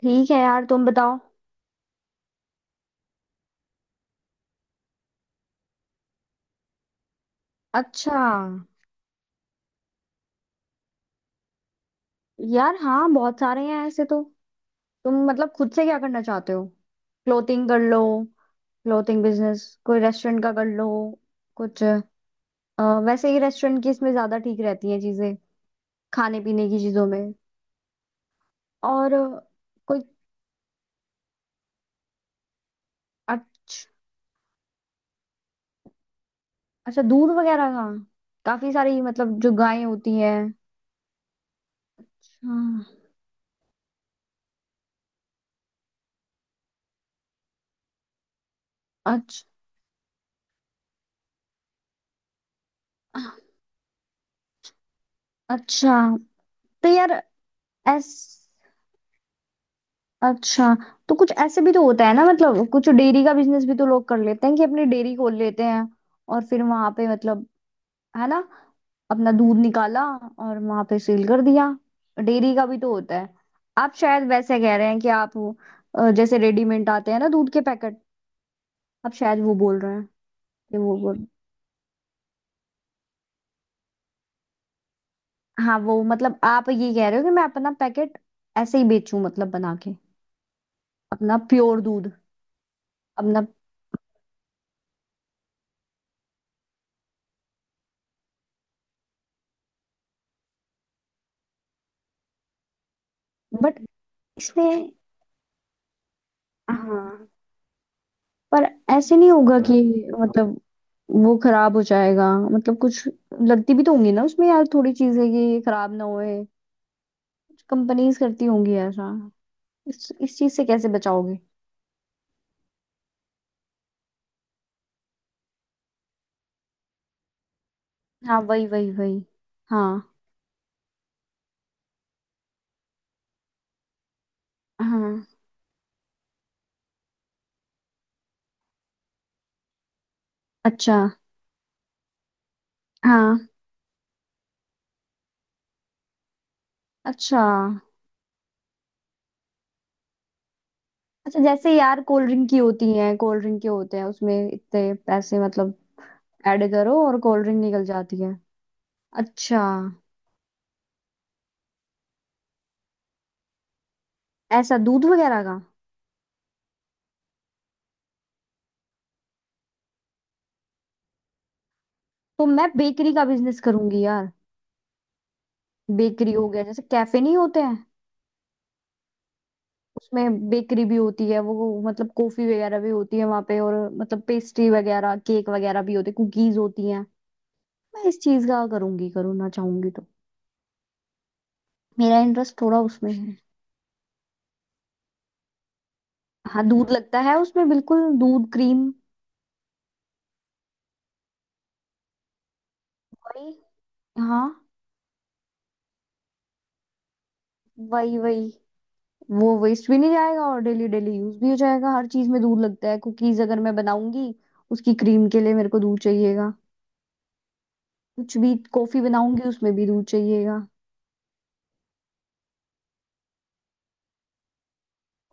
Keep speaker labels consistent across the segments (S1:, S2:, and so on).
S1: ठीक है यार, तुम बताओ। अच्छा, यार हाँ बहुत सारे हैं ऐसे तो। तुम मतलब खुद से क्या करना चाहते हो? क्लोथिंग कर लो। क्लोथिंग बिजनेस, कोई रेस्टोरेंट का कर लो कुछ। वैसे ही रेस्टोरेंट की इसमें ज्यादा ठीक रहती हैं चीजें, खाने पीने की चीजों में। और कोई, अच्छा। अच्छा, दूध वगैरह का। काफी सारी मतलब जो गायें होती हैं। हाँ, अच्छा। अच्छा, तो यार ऐस अच्छा, तो कुछ ऐसे भी तो होता है ना, मतलब कुछ डेयरी का बिजनेस भी तो लोग कर लेते हैं कि अपनी डेयरी खोल लेते हैं और फिर वहां पे मतलब, है ना, अपना दूध निकाला और वहां पे सेल कर दिया। डेयरी का भी तो होता है। आप शायद वैसे कह रहे हैं कि आप वो, जैसे रेडीमेड आते हैं ना दूध के पैकेट, आप शायद वो बोल रहे हैं कि वो बोल हाँ, वो मतलब आप ये कह रहे हो कि मैं अपना पैकेट ऐसे ही बेचूं, मतलब बना के, अपना प्योर दूध अपना। बट इसमें, हाँ पर ऐसे नहीं होगा कि मतलब वो खराब हो जाएगा? मतलब कुछ लगती भी तो होंगी ना उसमें यार थोड़ी चीजें कि ये खराब ना होए। कंपनीज करती होंगी ऐसा। इस चीज से कैसे बचाओगे? हाँ, वही वही वही। हाँ। हाँ, अच्छा। हाँ, अच्छा। अच्छा, जैसे यार कोल्ड ड्रिंक की होती है, कोल्ड ड्रिंक के होते हैं उसमें इतने पैसे मतलब ऐड करो और कोल्ड ड्रिंक निकल जाती है। अच्छा, ऐसा दूध वगैरह का। तो मैं बेकरी का बिजनेस करूंगी यार। बेकरी हो गया, जैसे कैफे नहीं होते हैं उसमें बेकरी भी होती है, वो मतलब कॉफी वगैरह भी होती है वहां पे और मतलब पेस्ट्री वगैरह, केक वगैरह भी होते, कुकीज होती हैं। मैं इस चीज का करूंगी, करूँगा, चाहूंगी तो। मेरा इंटरेस्ट थोड़ा उसमें है। हाँ, दूध लगता है उसमें बिल्कुल, दूध, क्रीम, वही। हाँ, वही वही। वो वेस्ट भी नहीं जाएगा और डेली डेली यूज भी हो जाएगा। हर चीज में दूध लगता है, कुकीज अगर मैं बनाऊंगी उसकी क्रीम के लिए मेरे को दूध चाहिएगा, कुछ भी कॉफी बनाऊंगी उसमें भी दूध चाहिएगा।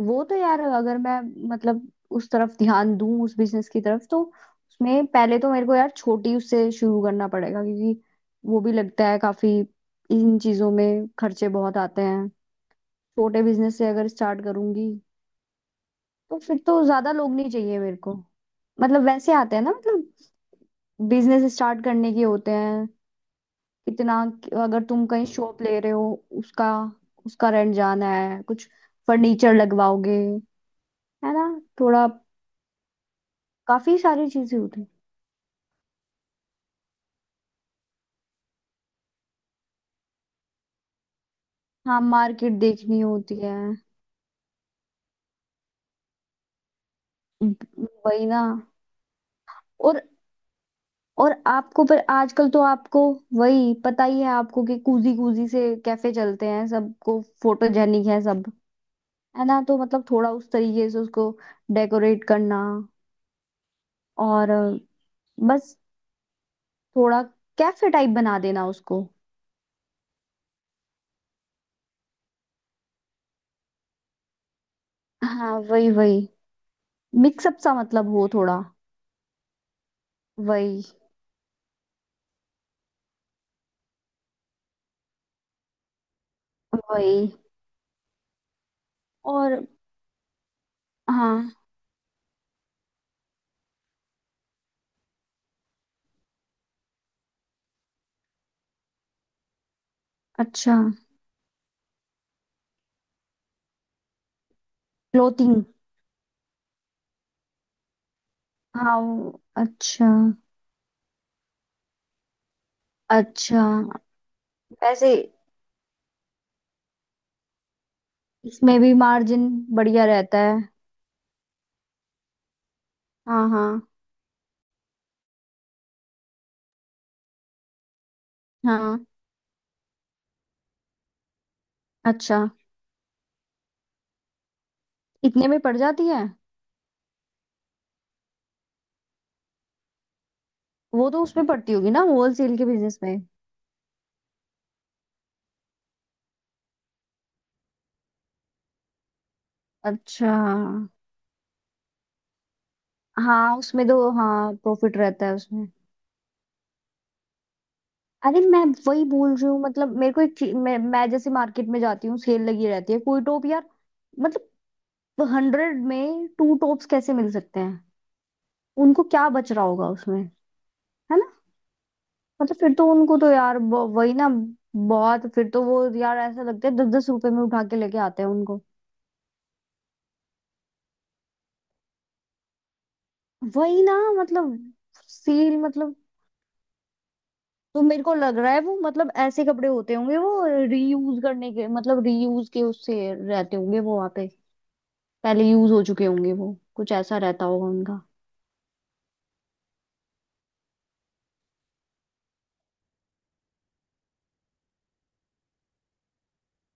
S1: वो तो यार, अगर मैं मतलब उस तरफ ध्यान दूं, उस बिजनेस की तरफ, तो उसमें पहले तो मेरे को यार छोटी उससे शुरू करना पड़ेगा, क्योंकि वो भी लगता है काफी, इन चीजों में खर्चे बहुत आते हैं। छोटे बिजनेस से अगर स्टार्ट करूंगी तो फिर तो ज्यादा लोग नहीं चाहिए मेरे को। मतलब वैसे आते हैं ना मतलब बिजनेस स्टार्ट करने के होते हैं, कितना। अगर तुम कहीं शॉप ले रहे हो, उसका, उसका रेंट जाना है, कुछ फर्नीचर लगवाओगे, है ना, थोड़ा, काफी सारी चीजें होती हैं। हाँ, मार्केट देखनी होती है, वही ना। और और आपको, पर आजकल तो आपको वही पता ही है आपको कि कूजी कूजी से कैफे चलते हैं, सबको फोटोजेनिक है सब, है ना, तो मतलब थोड़ा उस तरीके से उसको डेकोरेट करना, और बस, थोड़ा कैफे टाइप बना देना उसको। हाँ, वही वही। मिक्सअप सा मतलब हो थोड़ा, वही। वही और। हाँ, अच्छा, क्लोथिंग। हाँ, अच्छा। अच्छा, वैसे इसमें भी मार्जिन बढ़िया रहता है। हाँ हाँ। हाँ, अच्छा, इतने में पड़ जाती है। वो तो उसमें पड़ती होगी ना, होलसेल के बिजनेस में। अच्छा, हाँ उसमें तो हाँ, प्रॉफिट रहता है उसमें। अरे मैं वही बोल रही हूँ, मतलब मेरे को एक चीज, मैं जैसे मार्केट में जाती हूँ, सेल लगी रहती है, कोई टॉप यार मतलब 100 में 2 टॉप्स कैसे मिल सकते हैं? उनको क्या बच रहा होगा उसमें, है ना? मतलब फिर तो उनको तो यार वही ना, बहुत, फिर तो वो यार ऐसा लगता है दस दस रुपए में उठा के लेके आते हैं उनको। वही ना, मतलब सील मतलब, तो मेरे को लग रहा है वो मतलब ऐसे कपड़े होते होंगे वो, रीयूज करने के, मतलब रीयूज के उससे रहते होंगे वो वहां पे, पहले यूज हो चुके होंगे, वो कुछ ऐसा रहता होगा उनका।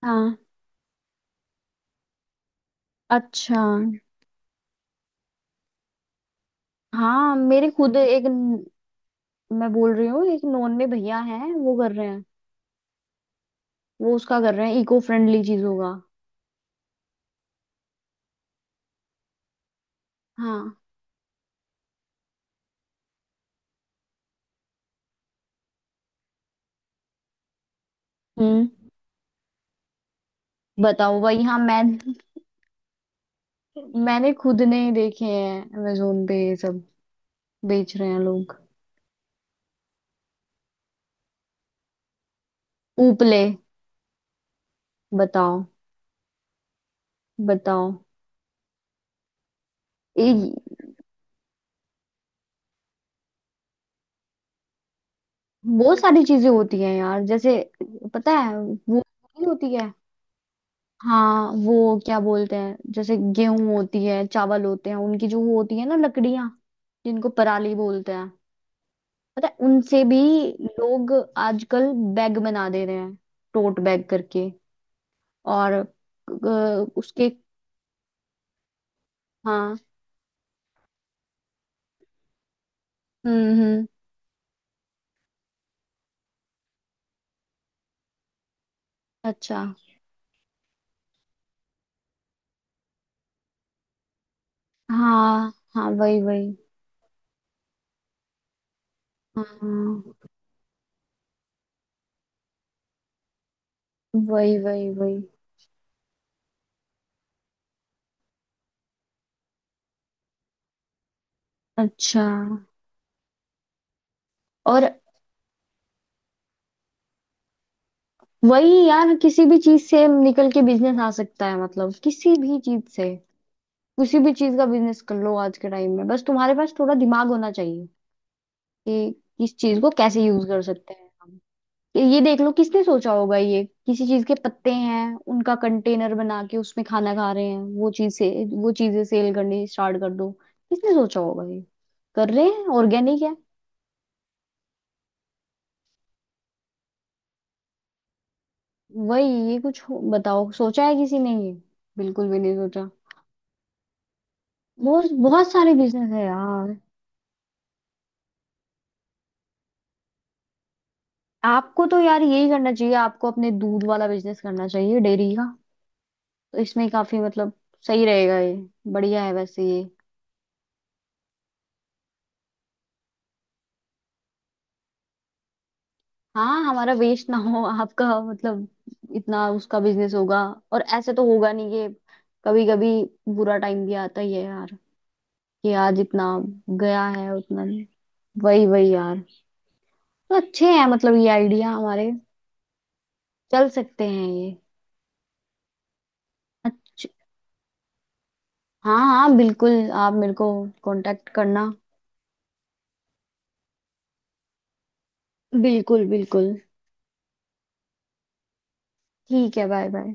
S1: हाँ, अच्छा, हाँ मेरे खुद एक मैं बोल रही हूँ एक नॉन में भैया है, वो कर रहे हैं। वो उसका कर रहे हैं, इको फ्रेंडली चीजों का। हाँ। हम्म। बताओ भाई, हाँ, मैं, मैंने खुद ने देखे हैं अमेजोन पे, ये सब बेच रहे हैं लोग। उपले। बताओ। बताओ। ये, बहुत सारी चीजें होती हैं यार जैसे, पता है, वो नहीं होती है? हाँ वो क्या बोलते हैं, जैसे गेहूं होती है, चावल होते हैं, उनकी जो वो होती है ना, लकड़ियां जिनको पराली बोलते हैं। पता है? उनसे भी लोग आजकल बैग बना दे रहे हैं, टोट बैग करके, और उसके। हाँ। हम्म। अच्छा। हाँ, हाँ, वही वही। हाँ, वही वही वही। अच्छा। और वही यार, किसी भी चीज से निकल के बिजनेस आ सकता है, मतलब किसी भी चीज से, किसी भी चीज का बिजनेस कर लो आज के टाइम में, बस तुम्हारे पास थोड़ा दिमाग होना चाहिए कि किस चीज को कैसे यूज कर सकते हैं। ये देख लो, किसने सोचा होगा ये किसी चीज के पत्ते हैं, उनका कंटेनर बना के उसमें खाना खा रहे हैं, वो चीज से, वो चीजें सेल करनी स्टार्ट कर दो। किसने सोचा होगा ये कर रहे हैं? ऑर्गेनिक है, वही। ये कुछ बताओ, सोचा है किसी ने ये? बिल्कुल भी नहीं सोचा। बहुत, बहुत सारे बिजनेस है यार। आपको तो यार यही करना चाहिए, आपको अपने दूध वाला बिजनेस करना चाहिए, डेयरी का। तो इसमें काफी मतलब सही रहेगा ये, बढ़िया है वैसे ये। हाँ, हमारा वेस्ट ना हो आपका मतलब, इतना उसका बिजनेस होगा और ऐसे तो होगा नहीं ये, कभी कभी बुरा टाइम भी आता ही है यार, कि आज इतना गया है, उतना नहीं। वही वही यार। तो अच्छे हैं मतलब ये आइडिया हमारे, चल सकते हैं ये। अच्छा, हाँ हाँ, बिल्कुल, आप मेरे को कांटेक्ट करना। बिल्कुल बिल्कुल। ठीक है, बाय बाय।